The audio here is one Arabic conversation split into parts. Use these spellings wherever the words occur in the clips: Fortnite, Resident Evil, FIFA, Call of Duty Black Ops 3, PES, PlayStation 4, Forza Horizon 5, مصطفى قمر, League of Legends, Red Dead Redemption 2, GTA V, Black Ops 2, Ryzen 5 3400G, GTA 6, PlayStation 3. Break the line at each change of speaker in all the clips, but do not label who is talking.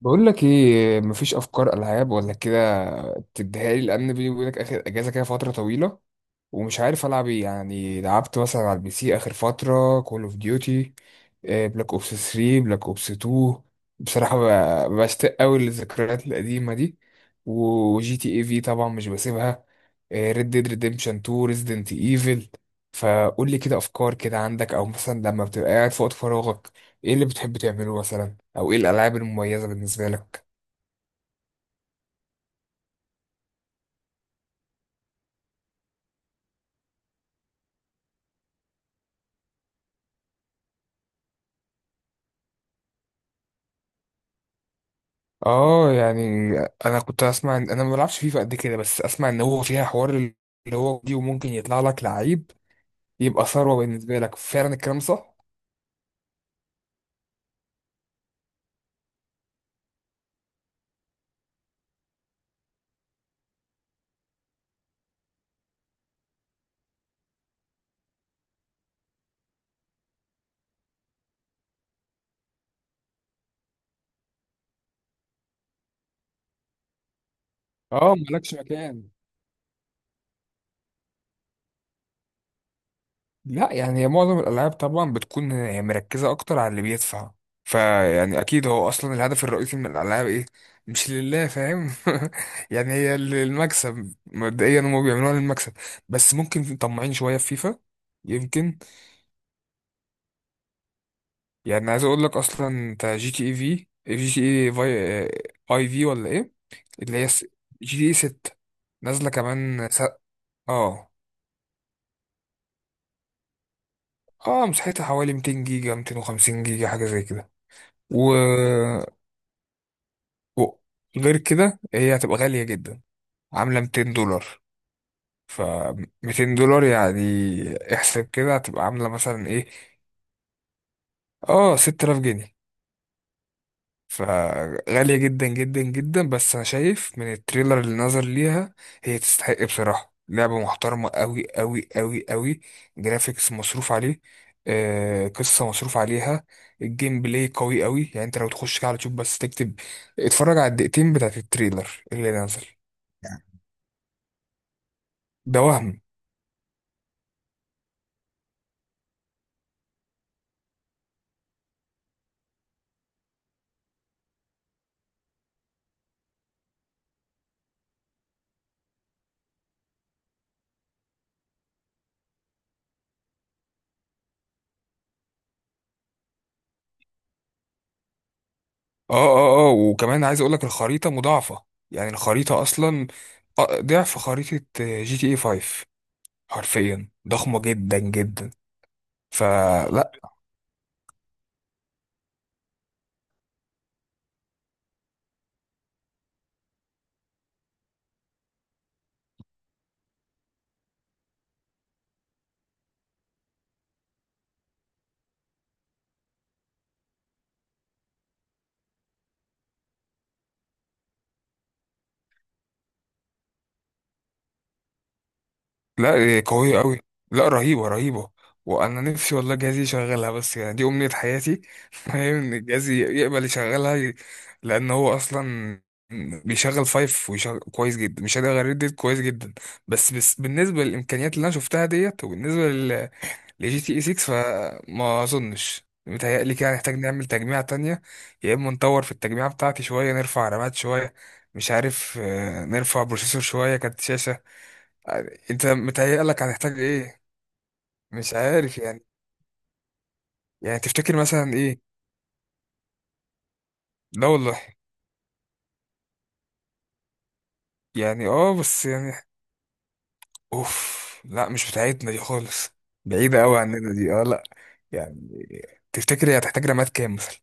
بقول لك ايه، مفيش افكار العاب ولا كده تديها لي؟ لان بيني وبينك اخر اجازه كده فتره طويله ومش عارف العب ايه. يعني لعبت مثلا على البي سي اخر فتره كول اوف ديوتي بلاك اوبس 3، بلاك اوبس 2. بصراحه بشتاق قوي للذكريات القديمه دي. وجي تي اي في طبعا مش بسيبها، ريد ديد ريديمشن 2، ريزيدنت ايفل. فقول لي كده افكار كده عندك، او مثلا لما بتبقى قاعد في وقت فراغك ايه اللي بتحب تعمله، مثلا او ايه الالعاب المميزه بالنسبه لك؟ اه يعني، انا كنت اسمع انا ما بلعبش فيفا قد كده، بس اسمع ان هو فيها حوار اللي هو دي، وممكن يطلع لك لعيب يبقى ثروة بالنسبة لك. فعلا الكلام صح. اه مالكش مكان. لا يعني هي معظم الالعاب طبعا بتكون هي مركزة اكتر على اللي بيدفع. فيعني اكيد هو اصلا الهدف الرئيسي من الالعاب ايه؟ مش لله، فاهم يعني هي المكسب مبدئيا، هم بيعملوها للمكسب. بس ممكن طماعين شوية في فيفا، يمكن. يعني عايز اقول لك، اصلا انت جي تي اي في، جي تي اي في، اي في ولا ايه؟ اللي هي جي تي اي 6، نازله كمان اه، اه، مساحتها حوالي 200 جيجا، 250 جيجا، حاجه زي كده. و... و... غير كده هي هتبقى غاليه جدا. عامله $200. ف $200 يعني، احسب كده هتبقى عامله مثلا ايه؟ اه، 6000 جنيه. فغالية جدا جدا جدا. بس أنا شايف من التريلر اللي نظر ليها هي تستحق بصراحة، لعبة محترمة أوي أوي أوي أوي. جرافيكس مصروف عليه، آه قصة مصروف عليها، الجيم بلاي قوي أوي. يعني أنت لو تخش كده على اليوتيوب بس تكتب، اتفرج على الدقيقتين بتاعت التريلر اللي نزل ده وهم. اه، اه، اه، وكمان عايز أقولك الخريطة مضاعفة. يعني الخريطة أصلا ضعف خريطة جي تي اي 5. حرفيا ضخمة جدا جدا. فلا، لا قوية أوي، لا رهيبة رهيبة. وأنا نفسي والله جهازي يشغلها، بس يعني دي أمنية حياتي فاهم إن جهازي يقبل يشغلها لأن هو أصلا بيشغل فايف ويشغل كويس جدا، مش هقدر غير ديت كويس جدا. بس بالنسبة للإمكانيات اللي أنا شفتها ديت، وبالنسبة لجي تي إي 6، فما أظنش. متهيألي كده هنحتاج نعمل تجميعة تانية، يا إما نطور في التجميعة بتاعتي شوية، نرفع رامات شوية، مش عارف نرفع بروسيسور شوية، كارت شاشة. يعني انت متهيألك هنحتاج ايه؟ مش عارف يعني. يعني تفتكر مثلا ايه؟ لا والله. يعني اه، بس يعني اوف، لا مش بتاعتنا دي خالص، بعيدة قوي عننا دي، اه لا. يعني تفتكر هي هتحتاج رامات كام مثلا؟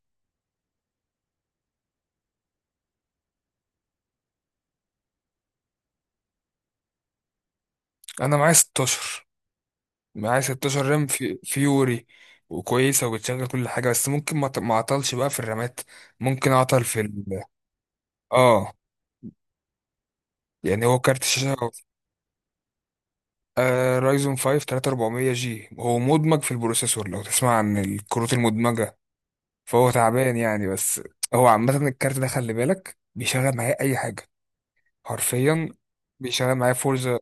انا معايا 16، معايا 16 رام في فيوري، وكويسة وبتشغل كل حاجة. بس ممكن ما اعطلش بقى في الرامات، ممكن اعطل في ال، اه. يعني هو كارت الشاشة آه رايزون 5 3400 جي، هو مدمج في البروسيسور، لو تسمع عن الكروت المدمجة. فهو تعبان يعني. بس هو عامة الكارت ده خلي بالك بيشغل معايا أي حاجة. حرفيا بيشغل معايا فورزا.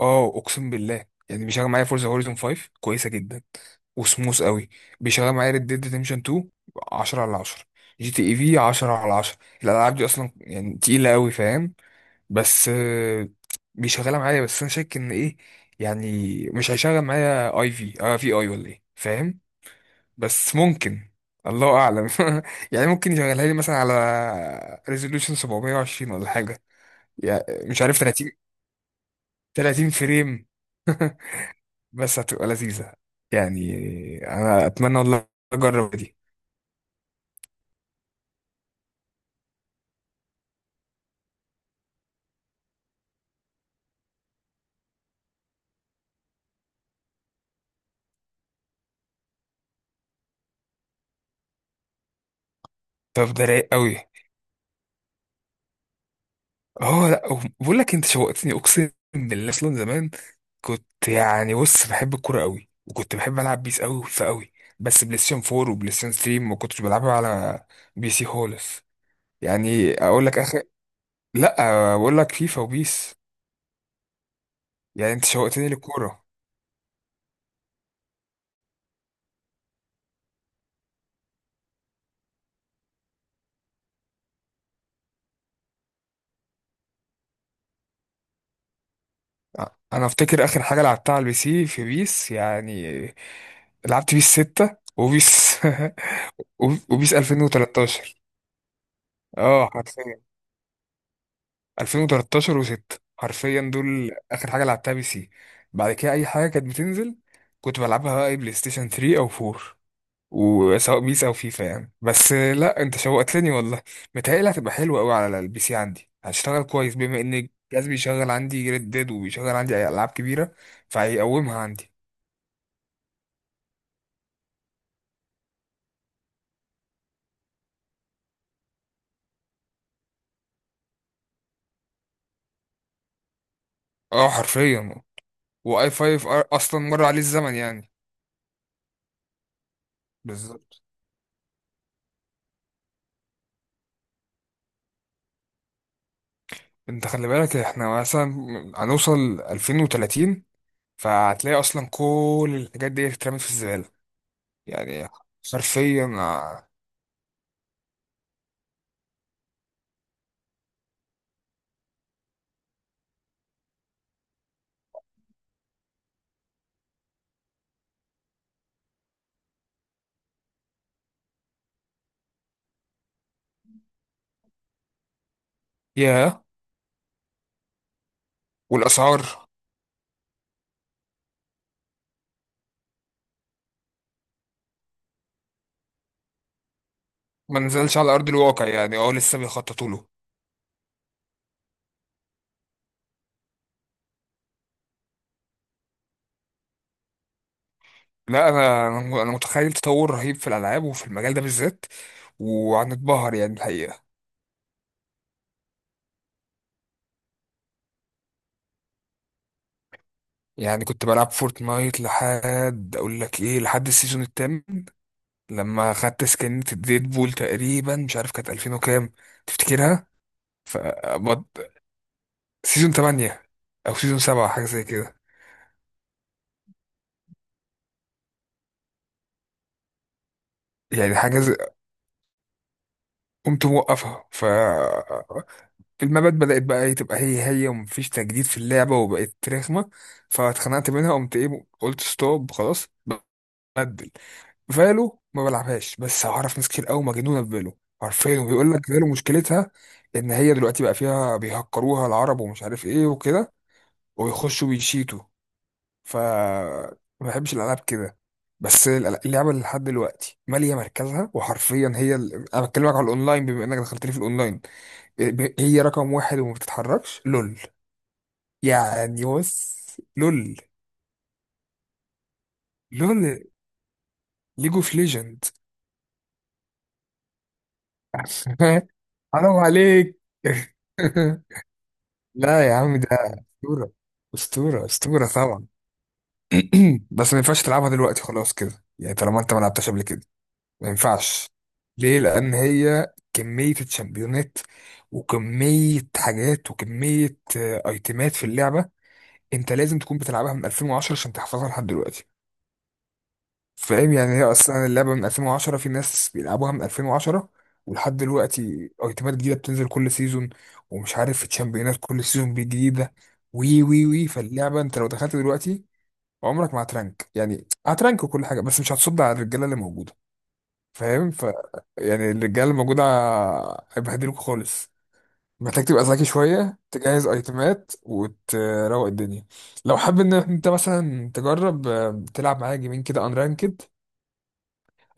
اه أقسم بالله، يعني بيشغل معايا فورزا هوريزون 5 كويسة جدا وسموث قوي. بيشغل معايا ريد ديد ريدمشن 2، 10 على 10. جي تي اي في 10 على 10. الألعاب دي أصلا يعني تقيلة قوي فاهم. بس بيشغلها معايا. بس انا شاك ان ايه، يعني مش هيشغل معايا اي في، اه في اي ولا ايه فاهم. بس ممكن، الله اعلم يعني ممكن يشغلها لي مثلا على ريزولوشن 720 ولا حاجه، يعني. مش عارف، 30 فريم بس هتبقى لذيذه يعني. انا اتمنى والله اجرب دي. طب ده رايق قوي. اه لا بقول لك انت شوقتني، اقسم بالله. اصلا زمان كنت يعني، بص بحب الكوره قوي، وكنت بحب العب بيس قوي فقوي. بس بلاي ستيشن 4 وبلاي ستيشن 3، ما كنتش بلعبها على بي سي خالص. يعني اقول لك اخر، لا بقول لك فيفا وبيس. يعني انت شوقتني للكوره. انا افتكر اخر حاجه لعبتها على البي سي في بيس، يعني لعبت بيس 6 وبيس وبيس 2013. اه حرفيا، 2013 و6 حرفيا دول اخر حاجه لعبتها بي سي. بعد كده اي حاجه كانت بتنزل كنت بلعبها بقى اي بلاي ستيشن 3 او 4. وسواء بيس او فيفا يعني. بس لا، انت شوقتني والله. متهيألي هتبقى حلوه قوي على البي سي عندي، هتشتغل كويس بما ان الجهاز بيشغل عندي ريد ديد وبيشغل عندي أي العاب كبيره، فهيقومها عندي. اه حرفيا. واي 5 اصلا مر عليه الزمن يعني. بالظبط. انت خلي بالك احنا مثلا هنوصل 2030، فهتلاقي اصلا كل الحاجات دي اترمت في الزباله. يعني حرفيا ياه. والاسعار ما نزلش على ارض الواقع يعني، اه لسه بيخططوا له. لا، انا أنا متخيل تطور رهيب في الالعاب وفي المجال ده بالذات، وهنتبهر يعني الحقيقه. يعني كنت بلعب فورتنايت لحد اقول لك ايه، لحد السيزون الثامن لما خدت سكنة الديد بول تقريبا. مش عارف كانت 2000 وكام، تفتكرها؟ ف بط- سيزون 8 او سيزون 7، حاجه زي كده. يعني حاجه قمت موقفها. المبات بدأت بقى ايه تبقى هي هي، ومفيش تجديد في اللعبة وبقت رخمة. فاتخنقت منها، قمت ايه قلت ستوب خلاص. بدل فالو ما بلعبهاش، بس أعرف ناس كتير قوي مجنونة بفالو عارفين. وبيقول لك فالو مشكلتها إن هي دلوقتي بقى فيها بيهكروها العرب ومش عارف ايه وكده، ويخشوا بيشيتوا. ما بحبش الألعاب كده. بس اللعبة اللي لحد دلوقتي مالية مركزها وحرفيا هي ال... أنا بكلمك على الأونلاين بما إنك دخلت لي في الأونلاين، هي رقم واحد وما بتتحركش، لول. يعني بص، لول لول ليج اوف ليجند. حرام عليك لا يا عم، ده اسطوره، اسطوره اسطوره طبعا بس ما ينفعش تلعبها دلوقتي خلاص كده يعني، طالما انت ما لعبتهاش قبل كده ما ينفعش. ليه؟ لان هي كميه الشامبيونات وكميه حاجات وكميه ايتمات في اللعبه. انت لازم تكون بتلعبها من 2010 عشان تحفظها لحد دلوقتي. فاهم يعني، هي اصلا اللعبه من 2010، في ناس بيلعبوها من 2010 ولحد دلوقتي. ايتمات جديده بتنزل كل سيزون، ومش عارف في تشامبيونات كل سيزون جديده. وي وي وي فاللعبه انت لو دخلت دلوقتي عمرك ما هترانك. يعني هترانك وكل حاجه، بس مش هتصد على الرجاله اللي موجوده فاهم. يعني الرجاله اللي موجوده هيبهدلوك خالص. محتاج تبقى ذكي شويه، تجهز ايتمات وتروق الدنيا. لو حابب ان انت مثلا تجرب تلعب معايا جيمين كده انرانكد،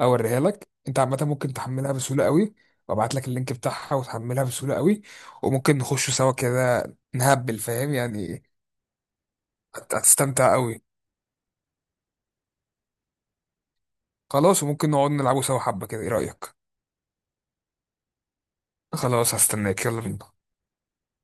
اوريها لك. انت عامه ممكن تحملها بسهوله قوي، وابعت لك اللينك بتاعها وتحملها بسهوله قوي، وممكن نخش سوا كده نهبل فاهم يعني. هتستمتع قوي. خلاص، وممكن نقعد نلعبه سوا حبه كده، ايه رايك؟ خلاص، هستناك. يلا بينا.